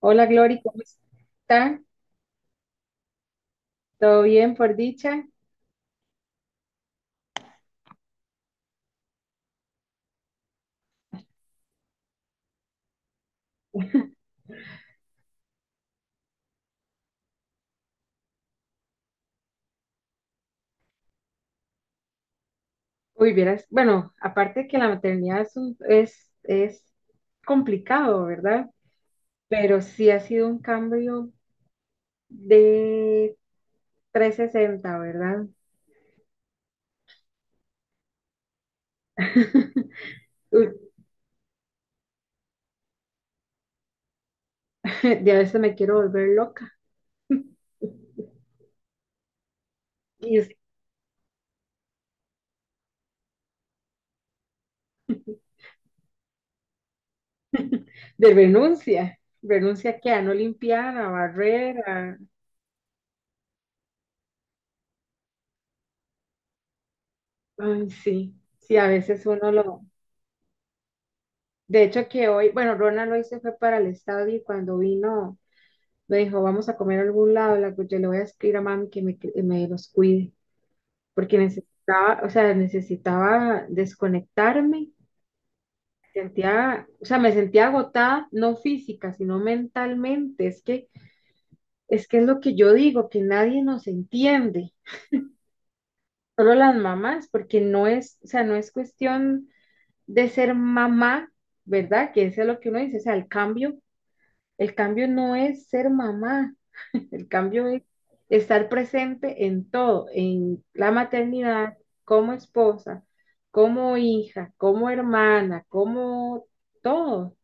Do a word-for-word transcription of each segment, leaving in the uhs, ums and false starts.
Hola Glory, ¿cómo está? ¿Todo bien por dicha? Uy, vieras, bueno, aparte que la maternidad es, un- es, es complicado, ¿verdad? Pero sí ha sido un cambio de trescientos sesenta, ¿verdad? Uy, de a veces me quiero volver loca. Y es de renuncia, renuncia que a no limpiar, a barrer, a... Ay, sí, sí, a veces uno lo... De hecho que hoy, bueno, Rona lo se fue para el estadio y cuando vino... Me dijo, vamos a comer a algún lado. La, yo le voy a escribir a mami que me, que me los cuide, porque necesitaba, o sea, necesitaba desconectarme. Sentía, o sea, me sentía agotada, no física, sino mentalmente. Es que, es que es lo que yo digo, que nadie nos entiende, solo las mamás, porque no es, o sea, no es cuestión de ser mamá, ¿verdad? Que eso es lo que uno dice, o sea, el cambio, el cambio no es ser mamá. El cambio es estar presente en todo, en la maternidad, como esposa, como hija, como hermana, como todo,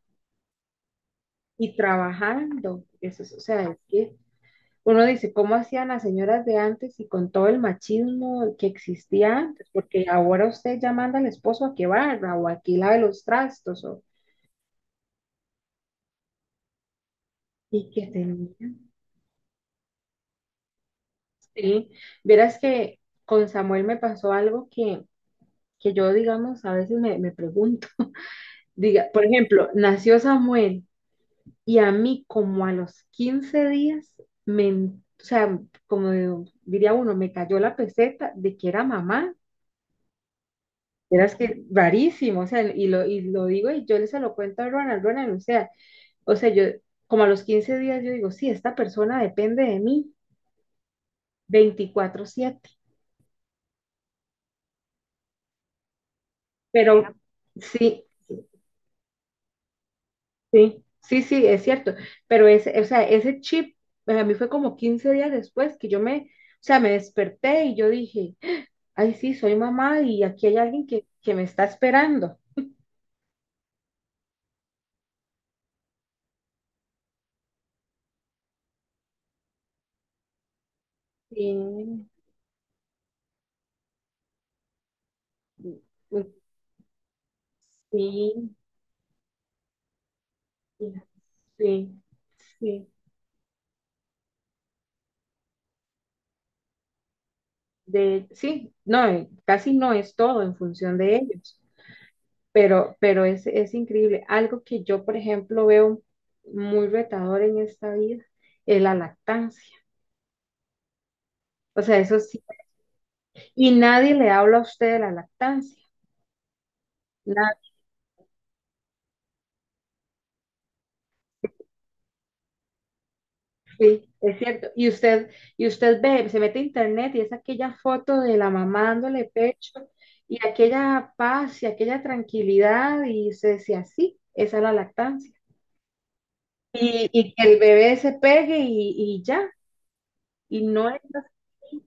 y trabajando. Eso es, o sea, es que uno dice, ¿cómo hacían las señoras de antes y con todo el machismo que existía antes? Porque ahora usted ya manda al esposo a que barra o a que lave los trastos o, y que tenía. Sí, verás que con Samuel me pasó algo que que yo, digamos, a veces me, me pregunto. Diga, por ejemplo, nació Samuel y a mí como a los quince días, me, o sea, como diría uno, me cayó la peseta de que era mamá. Eras que rarísimo, o sea, y lo, y lo digo y yo le se lo cuento a Ronald, Ronald, o sea, o sea, yo como a los quince días yo digo, sí, esta persona depende de mí veinticuatro siete, pero sí. Sí, sí, sí, es cierto, pero ese, o sea, ese chip, a mí fue como quince días después que yo me, o sea, me desperté y yo dije, ay, sí, soy mamá y aquí hay alguien que, que me está esperando. Sí, sí, sí, sí, de, sí, no, eh, casi no es todo en función de ellos, pero, pero es, es increíble. Algo que yo, por ejemplo, veo muy retador en esta vida es la lactancia. O sea, eso sí. Y nadie le habla a usted de la lactancia. Na- sí, es cierto. Y usted, y usted ve, se mete a internet y es aquella foto de la mamá dándole pecho y aquella paz y aquella tranquilidad y se decía, así, esa es la lactancia. Y, y que el bebé se pegue y, y ya. Y no es así.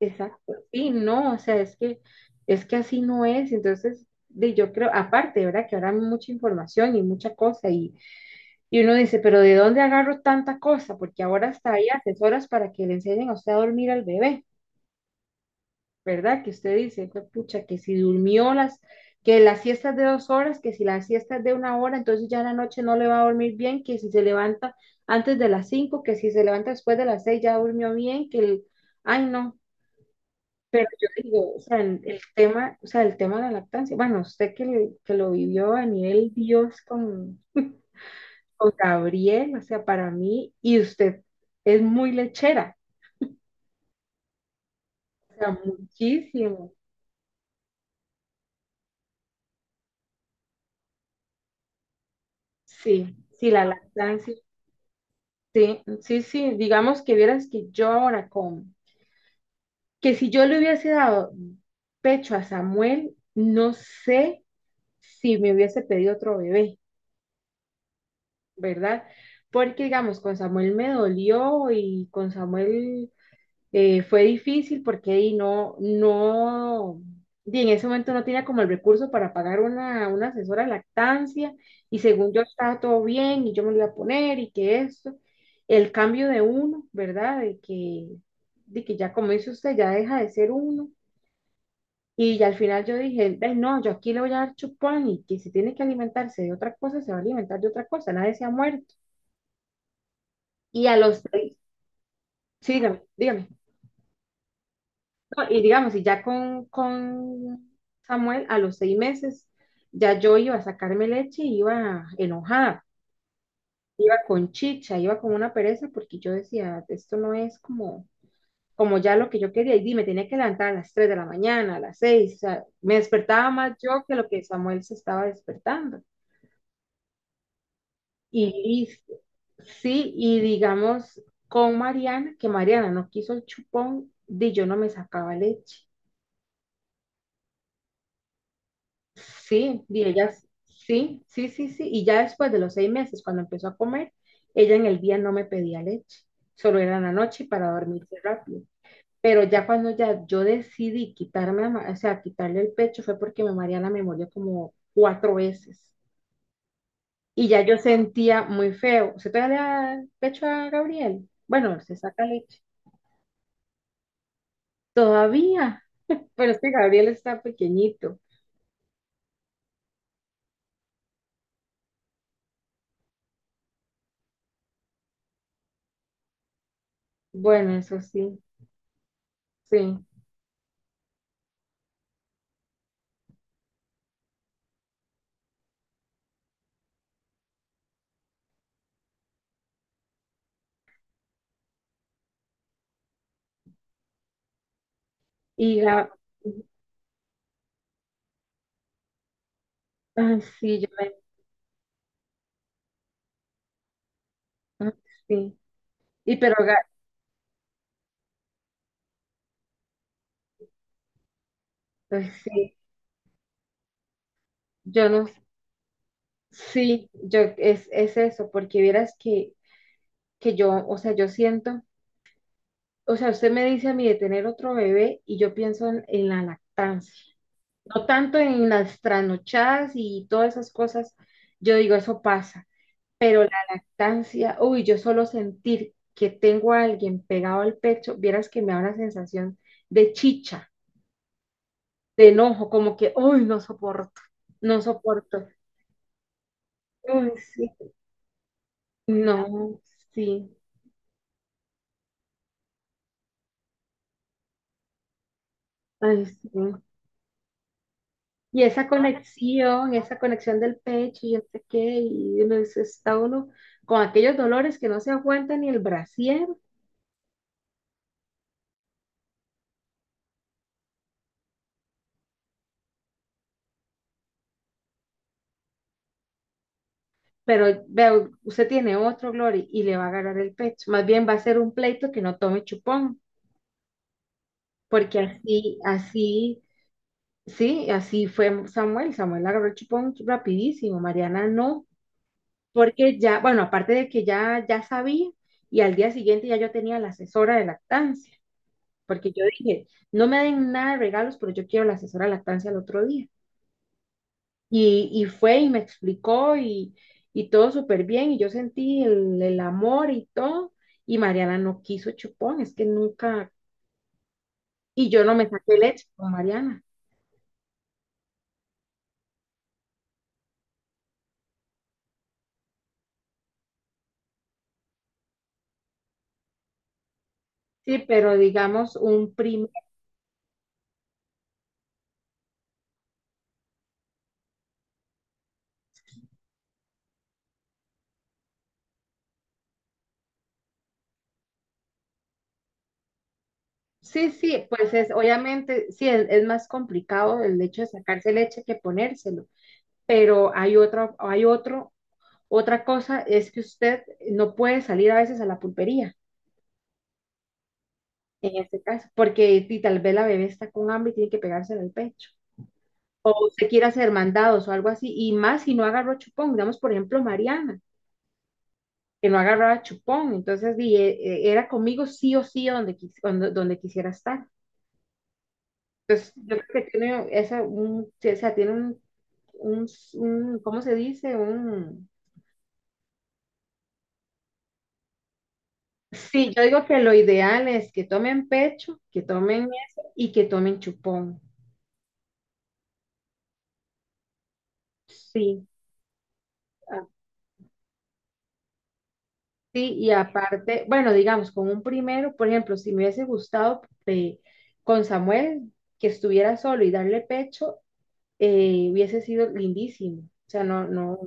Exacto. Sí, no, o sea, es que, es que así no es. Entonces, de, yo creo, aparte, ¿verdad? Que ahora hay mucha información y mucha cosa y, Y uno dice, pero ¿de dónde agarro tanta cosa? Porque ahora hasta hay asesoras para que le enseñen a usted a dormir al bebé, ¿verdad? Que usted dice, "Fue pucha, que si durmió las, que las siestas de dos horas, que si las siestas de una hora, entonces ya en la noche no le va a dormir bien, que si se levanta antes de las cinco, que si se levanta después de las seis ya durmió bien, que el, ay no, pero yo digo, o sea, en el tema, o sea, el tema de la lactancia, bueno, usted que, que lo vivió a nivel Dios con con Gabriel, o sea, para mí, y usted es muy lechera, o sea, muchísimo. Sí, sí, la lactancia, sí, sí, sí, digamos que vieras que yo ahora como, que si yo le hubiese dado pecho a Samuel, no sé si me hubiese pedido otro bebé, ¿verdad? Porque, digamos, con Samuel me dolió y con Samuel Eh, fue difícil porque ahí no, no, di en ese momento no tenía como el recurso para pagar una, una asesora de lactancia y según yo estaba todo bien y yo me lo iba a poner y que esto, el cambio de uno, ¿verdad? De que, de que ya como dice usted, ya deja de ser uno. Y ya al final yo dije, "Ve, no, yo aquí le voy a dar chupón y que si tiene que alimentarse de otra cosa, se va a alimentar de otra cosa, nadie se ha muerto." Y a los tres, sí, dígame, dígame. No, y digamos, y ya con, con Samuel, a los seis meses, ya yo iba a sacarme leche y iba enojada, iba con chicha, iba con una pereza, porque yo decía, esto no es como, como ya lo que yo quería. Y me tenía que levantar a las tres de la mañana, a las seis, o sea, me despertaba más yo que lo que Samuel se estaba despertando. Y listo. Sí, y digamos, con Mariana, que Mariana no quiso el chupón, di yo no me sacaba leche. Sí, y ella, sí, sí, sí, sí. Y ya después de los seis meses, cuando empezó a comer, ella en el día no me pedía leche, solo era en la noche y para dormirse rápido. Pero ya cuando ya yo decidí quitarme, la ma- o sea, quitarle el pecho fue porque mi Mariana me maría la memoria como cuatro veces. Y ya yo sentía muy feo. ¿Se te da el pecho a Gabriel? Bueno, se saca leche. Todavía. Pero es que Gabriel está pequeñito. Bueno, eso sí, sí. Y la... Ah, sí, yo... Ah, sí, y pero ga- pues sí, yo no, sí, yo es, es eso, porque vieras que, que yo, o sea, yo siento, o sea, usted me dice a mí de tener otro bebé y yo pienso en, en la lactancia, no tanto en las trasnochadas y todas esas cosas, yo digo, eso pasa, pero la lactancia, uy, yo solo sentir que tengo a alguien pegado al pecho, vieras que me da una sensación de chicha, de enojo, como que, uy, no soporto, no soporto. Uy, sí. No, sí, ay, sí. Y esa conexión, esa conexión del pecho y el sé qué, y uno dice, está uno con aquellos dolores que no se aguanta ni el brasier, pero veo, usted tiene otro, Glory, y le va a agarrar el pecho. Más bien va a ser un pleito que no tome chupón, porque así, así, sí, así fue Samuel. Samuel agarró el chupón rapidísimo, Mariana no, porque ya, bueno, aparte de que ya, ya sabía, y al día siguiente ya yo tenía la asesora de lactancia. Porque yo dije, no me den nada de regalos, pero yo quiero la asesora de lactancia el otro día. Y, y fue y me explicó y, y todo súper bien, y yo sentí el, el amor y todo, y Mariana no quiso chupón, es que nunca, y yo no me saqué leche con Mariana. Sí, pero digamos un primer, sí, sí, pues es, obviamente, sí, es, es más complicado el hecho de sacarse leche que ponérselo, pero hay otro, hay otro, otra cosa es que usted no puede salir a veces a la pulpería. En este caso, porque y tal vez la bebé está con hambre y tiene que pegársela al pecho. Usted quiere hacer mandados o algo así, y más si no agarró chupón, digamos, por ejemplo, Mariana, que no agarraba chupón, entonces di, eh, era conmigo sí o sí donde, quis- donde, donde quisiera estar. Entonces, yo creo que tiene, esa, un, o sea, tiene un, un, un- ¿cómo se dice? Un... Sí, yo digo que lo ideal es que tomen pecho, que tomen eso y que tomen chupón. Sí, sí, y aparte, bueno, digamos, con un primero, por ejemplo, si me hubiese gustado eh, con Samuel que estuviera solo y darle pecho, eh, hubiese sido lindísimo. O sea, no, no,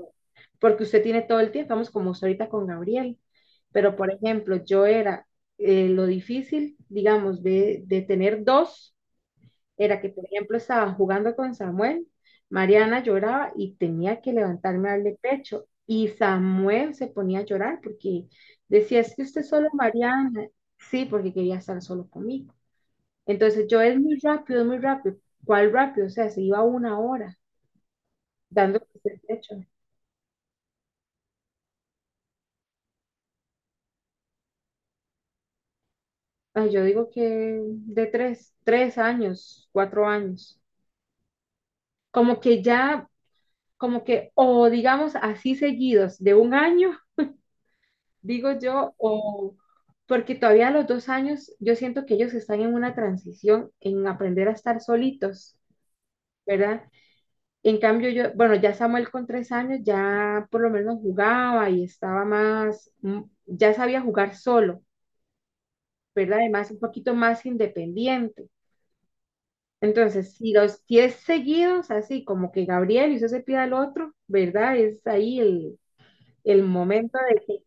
porque usted tiene todo el tiempo, vamos como usted ahorita con Gabriel. Pero, por ejemplo, yo era eh, lo difícil, digamos, de, de tener dos era que, por ejemplo, estaba jugando con Samuel, Mariana lloraba y tenía que levantarme a darle pecho. Y Samuel se ponía a llorar porque decía, es que usted solo Mariana. Sí, porque quería estar solo conmigo. Entonces yo es muy rápido, es muy rápido. ¿Cuál rápido? O sea, se iba una hora dando el pecho. Ay, yo digo que de tres, tres años, cuatro años. Como que ya, como que, o digamos así seguidos, de un año digo yo, o porque todavía a los dos años yo siento que ellos están en una transición en aprender a estar solitos, ¿verdad? En cambio yo, bueno, ya Samuel con tres años ya por lo menos jugaba y estaba más, mm, ya sabía jugar solo, ¿verdad? Además un poquito más independiente. Entonces, si los diez seguidos, así como que Gabriel y usted se pida al otro, ¿verdad? Es ahí el, el momento de que...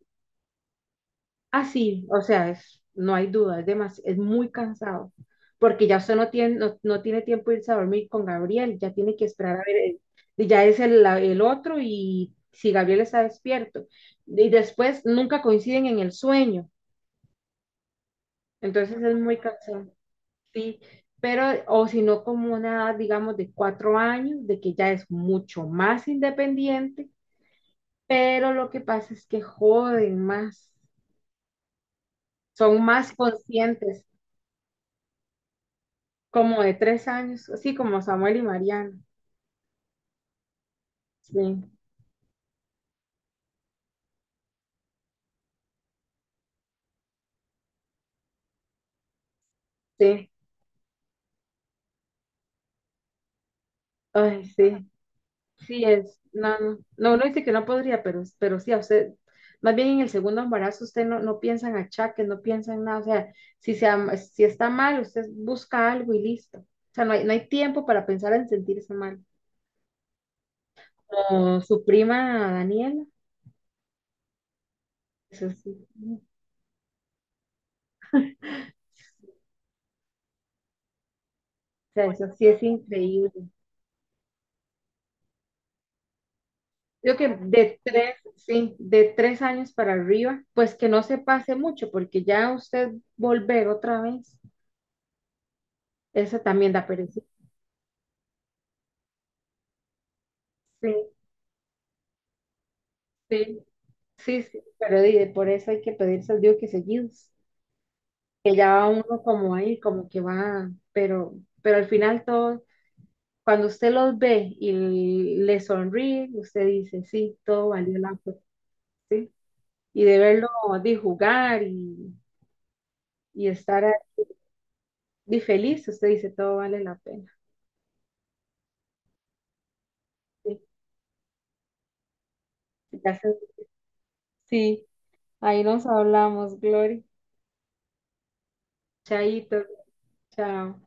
Ah, sí, o sea, es, no hay duda, es demas- es muy cansado, porque ya usted no tiene, no, no tiene tiempo de irse a dormir con Gabriel, ya tiene que esperar a ver, el- y ya es el, la- el otro y si Gabriel está despierto. Y después nunca coinciden en el sueño, entonces es muy cansado, sí, pero, o si no, como una, digamos, de cuatro años, de que ya es mucho más independiente, pero lo que pasa es que joden más, son más conscientes, como de tres años, así como Samuel y Mariana. Sí, sí, ay, sí, sí es. No, no, no, uno dice que no podría, pero, pero sí, a usted, más bien en el segundo embarazo, usted no, no piensa en achaques, no piensa en nada. O sea, si, se, am- si está mal, usted busca algo y listo. O sea, no hay, no hay tiempo para pensar en sentirse mal. Como su prima Daniela, eso sí, o sea, eso sí es increíble. Yo que de tres, sí, de tres años para arriba, pues que no se pase mucho, porque ya usted volver otra vez, eso también da pereza. Sí, sí, sí, sí, pero di, de por eso hay que pedirse al Dios que seguidos, que ya va uno como ahí, como que va, pero, pero al final todo, cuando usted los ve y le sonríe, usted dice, sí, todo valió la pena, sí, y de verlo, de jugar y, y estar di, feliz, usted dice, todo vale la pena. Sí. Ya sé. Sí, ahí nos hablamos, Glory. Chaito, chao.